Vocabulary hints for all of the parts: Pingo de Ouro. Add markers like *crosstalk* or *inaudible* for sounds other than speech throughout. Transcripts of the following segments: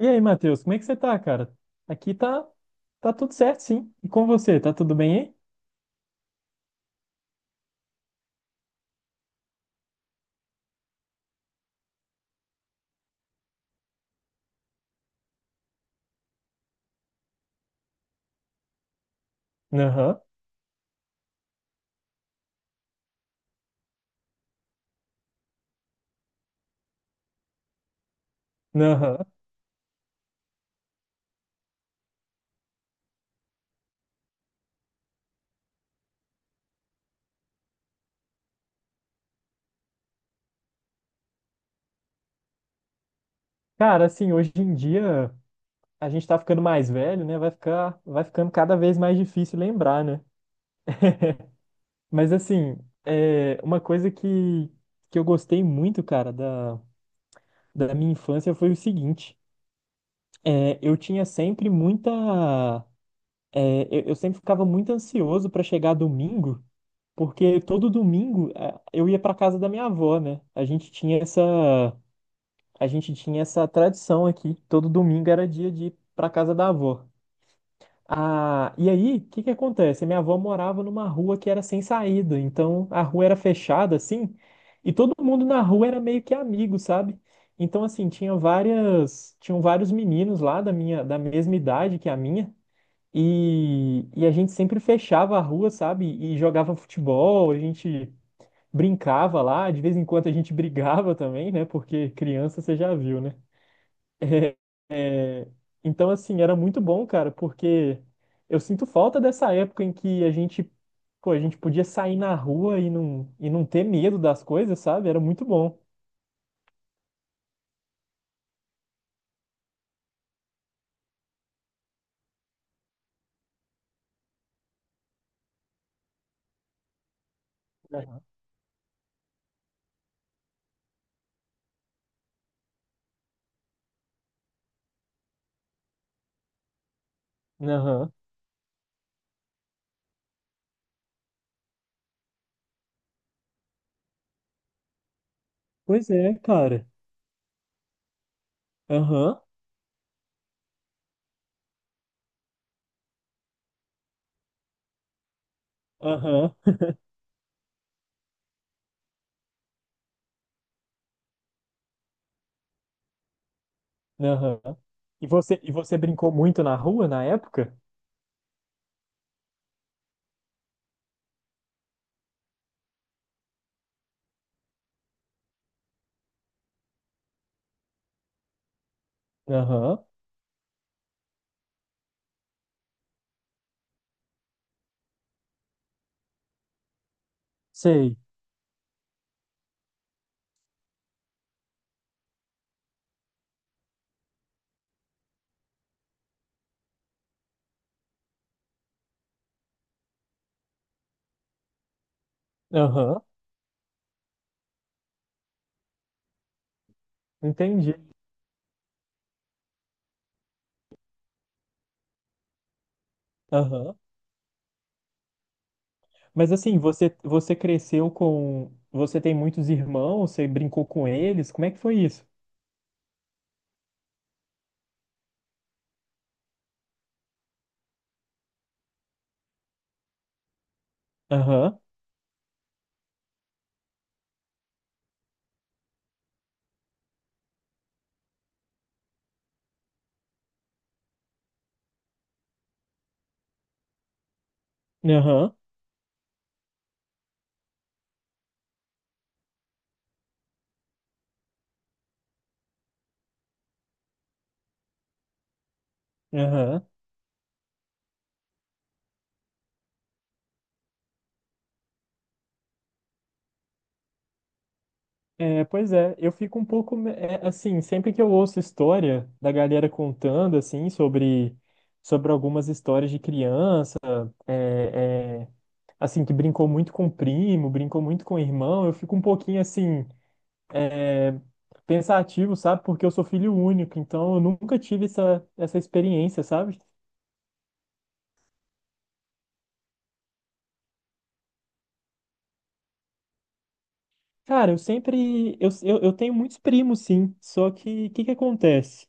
E aí, Matheus, como é que você tá, cara? Aqui tá, tá tudo certo, sim. E com você, tá tudo bem aí? Aham, aham. Cara, assim, hoje em dia a gente tá ficando mais velho, né? Vai ficando cada vez mais difícil lembrar, né? Mas assim, uma coisa que eu gostei muito, cara, da minha infância foi o seguinte. Eu tinha sempre muita. Eu sempre ficava muito ansioso pra chegar domingo. Porque todo domingo eu ia para casa da minha avó, né? A gente tinha essa tradição aqui. Todo domingo era dia de ir para casa da avó. Ah, e aí, o que que acontece? Minha avó morava numa rua que era sem saída, então a rua era fechada assim, e todo mundo na rua era meio que amigo, sabe? Então assim, tinham vários meninos lá da mesma idade que a minha. E a gente sempre fechava a rua, sabe? E jogava futebol, a gente brincava lá, de vez em quando a gente *laughs* brigava também, né? Porque criança você já viu, né? É. Então, assim, era muito bom, cara, porque eu sinto falta dessa época em que pô, a gente podia sair na rua e não ter medo das coisas, sabe? Era muito bom. Aham. Aham. Pois é, cara. Aham, aham, aham. E você brincou muito na rua na época? Aham, sei. Aham, entendi. Aham. Mas assim, você cresceu com. Você tem muitos irmãos, você brincou com eles? Como é que foi isso? Aham, aham, aham. É, pois é, eu fico um pouco. É, assim, sempre que eu ouço história da galera contando, sobre algumas histórias de criança, é, é, assim, que brincou muito com primo, brincou muito com irmão, eu fico um pouquinho, assim, é, pensativo, sabe? Porque eu sou filho único, então eu nunca tive essa experiência, sabe? Cara, eu sempre. Eu tenho muitos primos, sim. Só que o que acontece?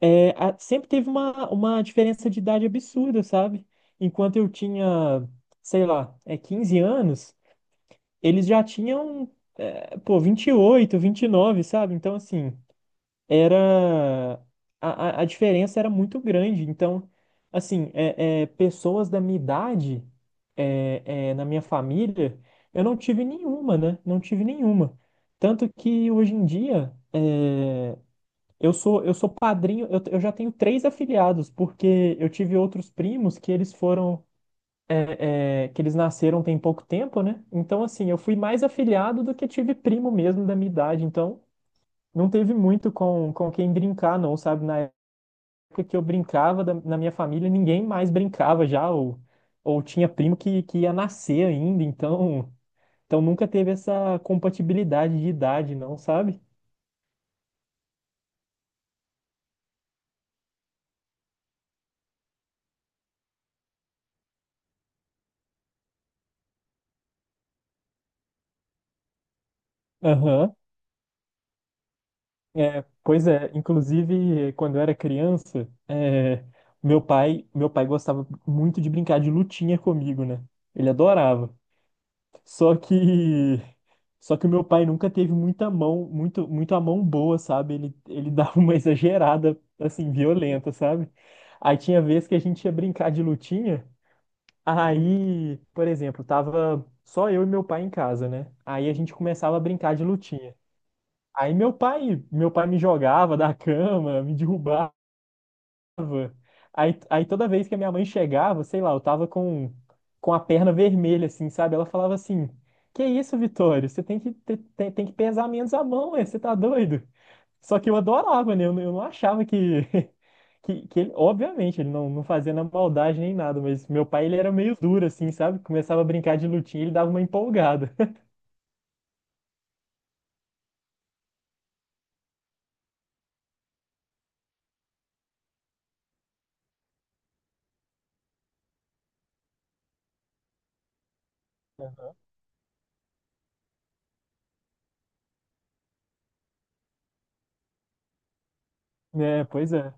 É, sempre teve uma diferença de idade absurda, sabe? Enquanto eu tinha, sei lá, é, 15 anos, eles já tinham, é, pô, 28, 29, sabe? Então, assim, era a diferença era muito grande. Então, assim, pessoas da minha idade na minha família, eu não tive nenhuma, né? Não tive nenhuma. Tanto que hoje em dia é, eu sou padrinho, eu já tenho 3 afiliados, porque eu tive outros primos que eles foram que eles nasceram tem pouco tempo, né? Então, assim, eu fui mais afiliado do que tive primo mesmo da minha idade. Então, não teve muito com quem brincar, não, sabe? Na época que eu brincava na minha família, ninguém mais brincava já, ou tinha primo que ia nascer ainda, então nunca teve essa compatibilidade de idade, não, sabe? Aham. É, pois é, inclusive quando eu era criança, é, meu pai gostava muito de brincar de lutinha comigo, né? Ele adorava. Só que Só que o meu pai nunca teve muita mão, muito a mão boa, sabe? Ele *laughs* dava uma exagerada, assim, violenta, sabe? Aí tinha vez que a gente ia brincar de lutinha, aí, por exemplo, tava só eu e meu pai em casa, né? Aí a gente começava a brincar de lutinha. Aí meu pai me jogava da *laughs* cama, me derrubava. Aí toda vez que a minha mãe chegava, sei lá, eu tava com a perna vermelha, assim, sabe? Ela falava assim: Que isso, Vitório? Você tem que tem que pesar menos a mão, ué, você tá doido? Só que eu adorava, né? Eu não achava que, *laughs* que ele, obviamente, ele não, não fazia na maldade nem nada, mas meu pai, ele era meio duro, assim, sabe? Começava a brincar de lutinha, ele dava uma empolgada. *laughs* É, pois é.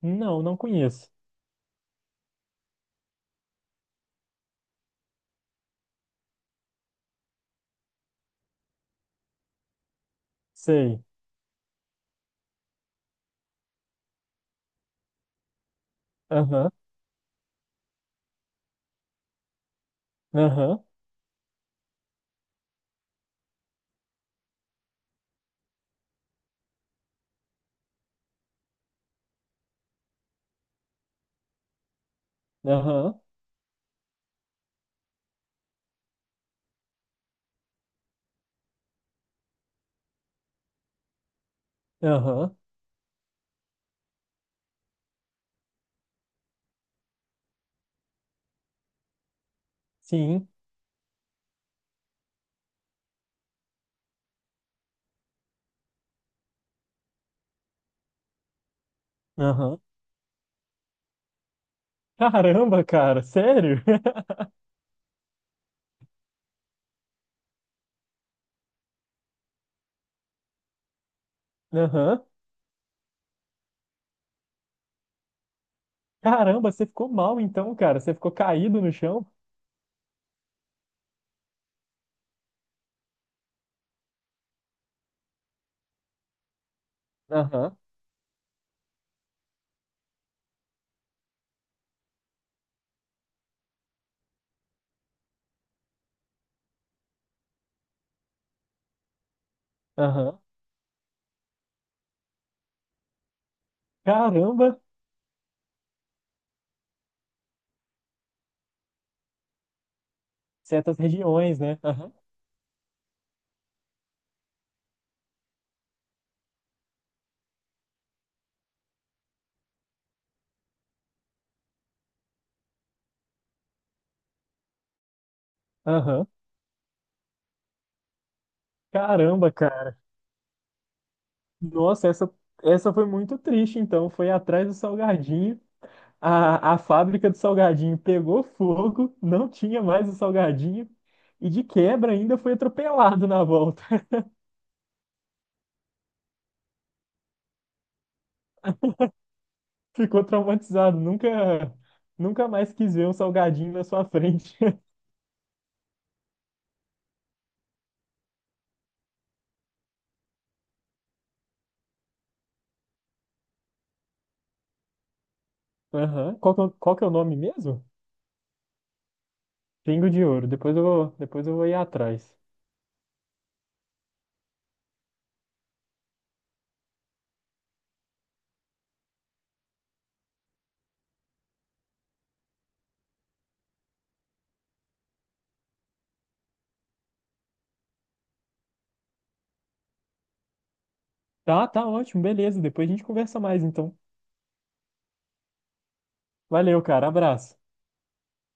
Não, não conheço. Sei. Aham, aham, aham, aham. Sim, aham. Caramba, cara, sério? *laughs* Aham. Caramba, você ficou mal então, cara. Você ficou caído no chão? Aham, aham. Caramba, certas regiões, né? Aham, aham. Caramba, cara. Nossa, essa foi muito triste então. Foi atrás do salgadinho. A fábrica do salgadinho pegou fogo, não tinha mais o salgadinho. E de quebra ainda foi atropelado na volta. *laughs* Ficou traumatizado. Nunca mais quis ver um salgadinho na sua frente. Aham. Qual qual que é o nome mesmo? Pingo de Ouro. Depois eu vou ir atrás. Tá, tá ótimo, beleza. Depois a gente conversa mais, então. Valeu, cara. Abraço.